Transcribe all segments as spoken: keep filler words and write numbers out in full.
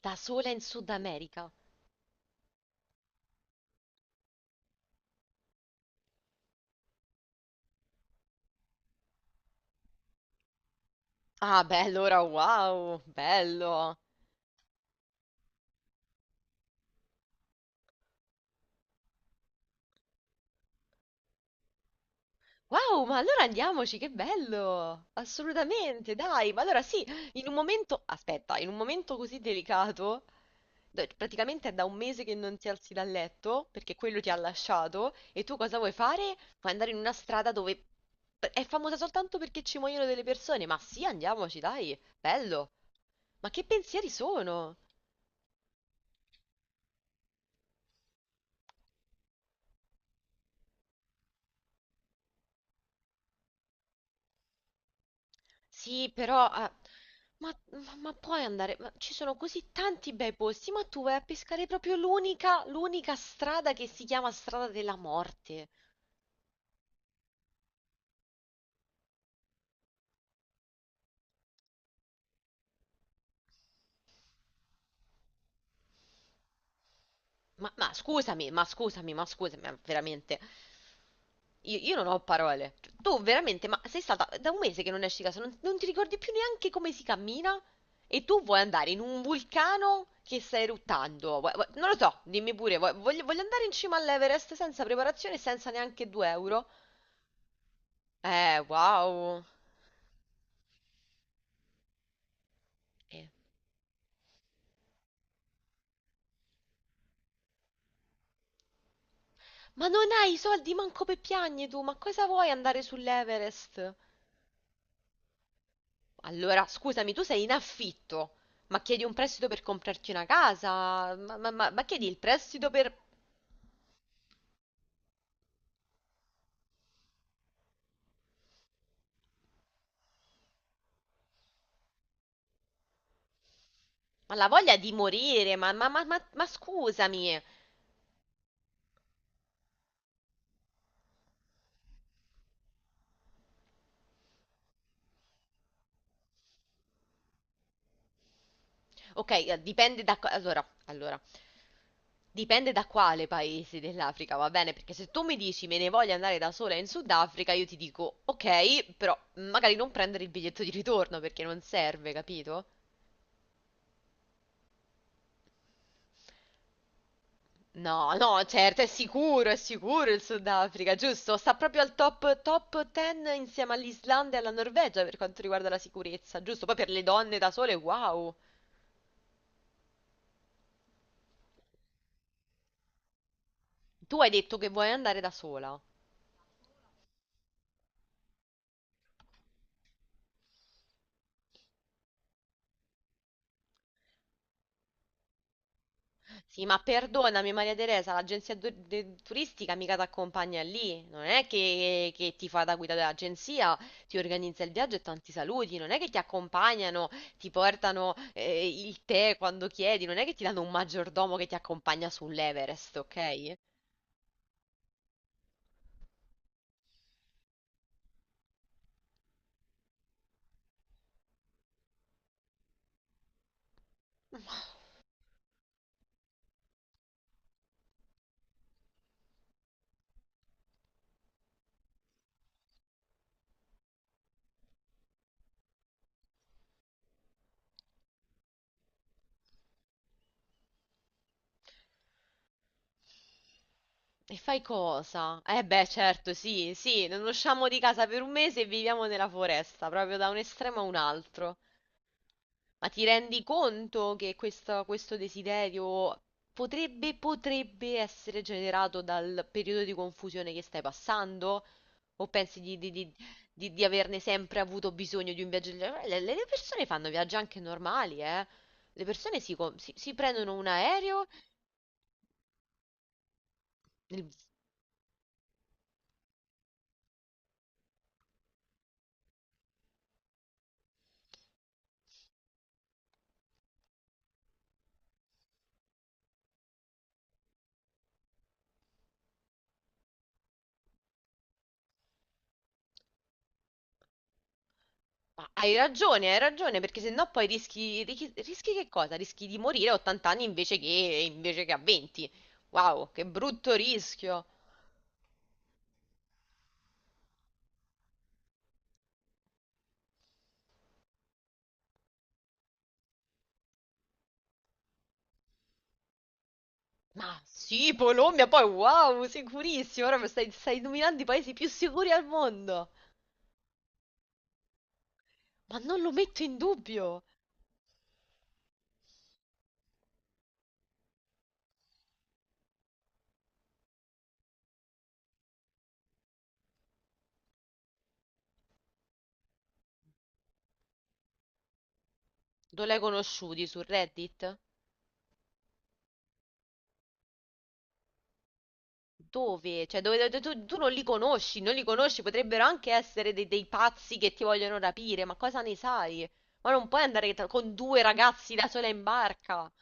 Da sola in Sud America. Ah, beh, allora wow, bello. Wow, ma allora andiamoci, che bello! Assolutamente, dai, ma allora sì, in un momento, aspetta, in un momento così delicato, da- praticamente è da un mese che non ti alzi dal letto, perché quello ti ha lasciato, e tu cosa vuoi fare? Vuoi andare in una strada dove è famosa soltanto perché ci muoiono delle persone, ma sì, andiamoci, dai, bello. Ma che pensieri sono? Sì, però... ah, ma, ma- Ma puoi andare... ma ci sono così tanti bei posti, ma tu vai a pescare proprio l'unica, l'unica strada che si chiama strada della morte. Ma, ma scusami, ma scusami, ma scusami, ma veramente. Io, io non ho parole. Cioè, tu veramente, ma sei stata da un mese che non esci di casa, non, non ti ricordi più neanche come si cammina? E tu vuoi andare in un vulcano che sta eruttando? Vuoi- vuoi- Non lo so, dimmi pure, vuoi- voglio, voglio andare in cima all'Everest senza preparazione e senza neanche due euro? Eh, wow! Eh, Ma non hai i soldi manco per piagne tu, ma cosa vuoi andare sull'Everest? Allora, scusami, tu sei in affitto, ma chiedi un prestito per comprarti una casa? Ma, ma- ma- ma chiedi il prestito per... Ma la voglia di morire, ma, ma- ma- ma- ma scusami! Ok, eh, dipende da... co- Allora, allora, dipende da quale paese dell'Africa, va bene? Perché se tu mi dici me ne voglio andare da sola in Sudafrica, io ti dico ok, però magari non prendere il biglietto di ritorno perché non serve, capito? No, no, certo, è sicuro, è sicuro il Sudafrica, giusto? Sta proprio al top, top dieci insieme all'Islanda e alla Norvegia per quanto riguarda la sicurezza, giusto? Poi per le donne da sole, wow! Tu hai detto che vuoi andare da sola. Sì, ma perdonami Maria Teresa, l'agenzia du- de- turistica mica ti accompagna lì, non è che, che ti fa da guida dell'agenzia, ti organizza il viaggio e tanti saluti, non è che ti accompagnano, ti portano eh, il tè quando chiedi, non è che ti danno un maggiordomo che ti accompagna sull'Everest, ok? E fai cosa? Eh beh, certo, sì, sì, non usciamo di casa per un mese e viviamo nella foresta, proprio da un estremo a un altro. Ma ti rendi conto che questa- questo desiderio potrebbe, potrebbe essere generato dal periodo di confusione che stai passando? O pensi di, di- di- di- di averne sempre avuto bisogno di un viaggio? Del genere? Le, le persone fanno viaggi anche normali, eh? Le persone si, co- si- si prendono un aereo. il- ma hai ragione, hai ragione, perché sennò poi rischi, rischi, rischi che cosa? Rischi di morire a ottanta anni invece che, invece che a venti. Wow, che brutto rischio! Ma sì, Polombia, poi wow, sicurissimo. Ora stai, stai nominando i paesi più sicuri al mondo. Ma non lo metto in dubbio. Non l'hai conosciuti su Reddit? Dove? Cioè, dove, dove- tu, tu non li conosci, non li conosci, potrebbero anche essere dei, dei pazzi che ti vogliono rapire, ma cosa ne sai? Ma non puoi andare tra- con due ragazzi da sola in barca.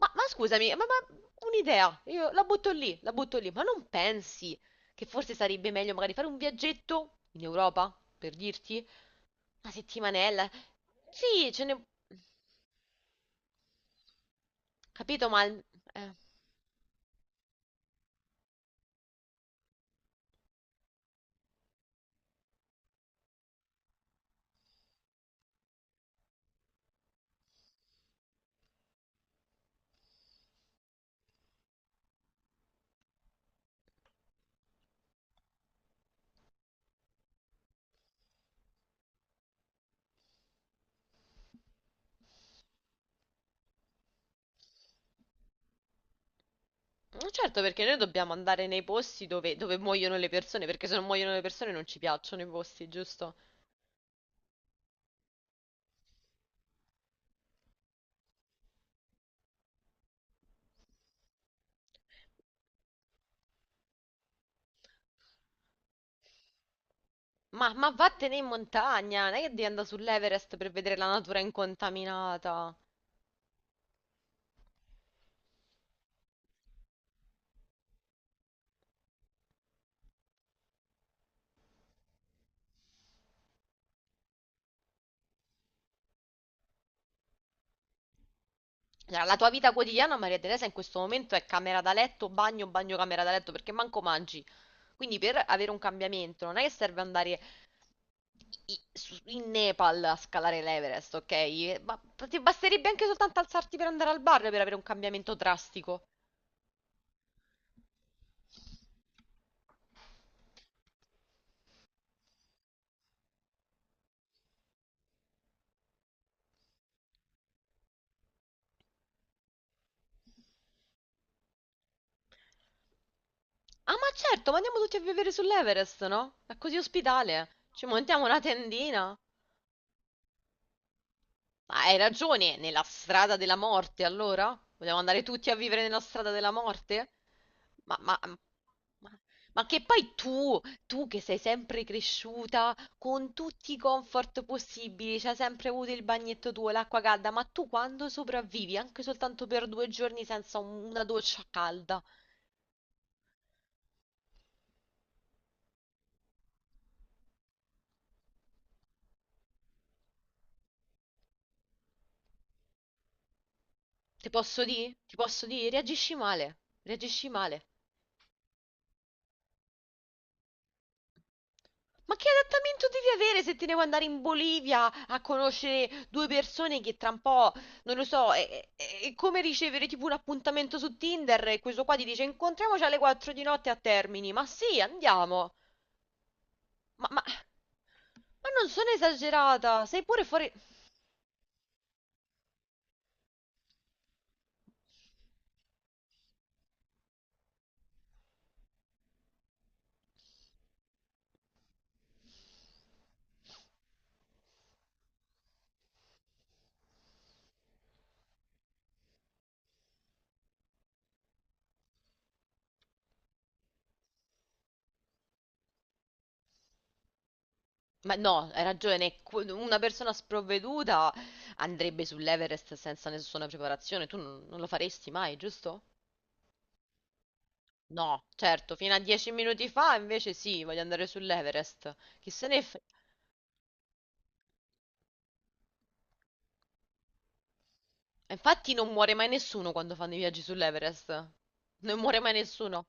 Ma, ma scusami, ma, ma un'idea, io la butto lì, la butto lì, ma non pensi che forse sarebbe meglio magari fare un viaggetto in Europa, per dirti? Una settimanella? Sì, ce n'è... Capito, ma... al- eh, certo, perché noi dobbiamo andare nei posti dove, dove muoiono le persone, perché se non muoiono le persone non ci piacciono i posti, giusto? Ma, ma vattene in montagna, non è che devi andare sull'Everest per vedere la natura incontaminata. Cioè, la tua vita quotidiana, Maria Teresa, in questo momento è camera da letto, bagno, bagno, camera da letto, perché manco mangi. Quindi per avere un cambiamento non è che serve andare i- su- in Nepal a scalare l'Everest, ok? E Ma ti basterebbe anche soltanto alzarti per andare al bar per avere un cambiamento drastico. Ah, ma certo, ma andiamo tutti a vivere sull'Everest, no? È così ospitale. Ci montiamo una tendina. Ma hai ragione, nella strada della morte allora? Vogliamo andare tutti a vivere nella strada della morte? Ma, ma, ma- ma che poi tu, tu che sei sempre cresciuta con tutti i comfort possibili, c'hai sempre avuto il bagnetto tuo, l'acqua calda, ma tu quando sopravvivi anche soltanto per due giorni senza un- una doccia calda, ti posso dire? Ti posso dire? Reagisci male, reagisci male. Ma che adattamento devi avere se ti devo andare in Bolivia a conoscere due persone che tra un po', non lo so, è, è- è come ricevere tipo un appuntamento su Tinder e questo qua ti dice incontriamoci alle quattro di notte a Termini. Ma sì, andiamo. Ma, ma- ma non sono esagerata, sei pure fuori... Ma no, hai ragione, qu- una persona sprovveduta andrebbe sull'Everest senza nessuna preparazione, tu non non lo faresti mai, giusto? No, certo, fino a dieci minuti fa invece sì, voglio andare sull'Everest. Chi se ne frega. Infatti non muore mai nessuno quando fanno i viaggi sull'Everest. Non muore mai nessuno.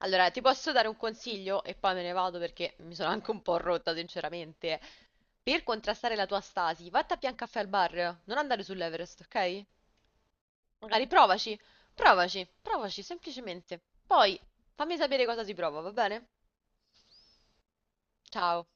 Allora, ti posso dare un consiglio e poi me ne vado perché mi sono anche un po' rotta, sinceramente. Per contrastare la tua stasi, vatti a Biancaffè al bar, non andare sull'Everest, ok? Magari provaci, provaci, provaci semplicemente. Poi fammi sapere cosa si prova, va bene? Ciao.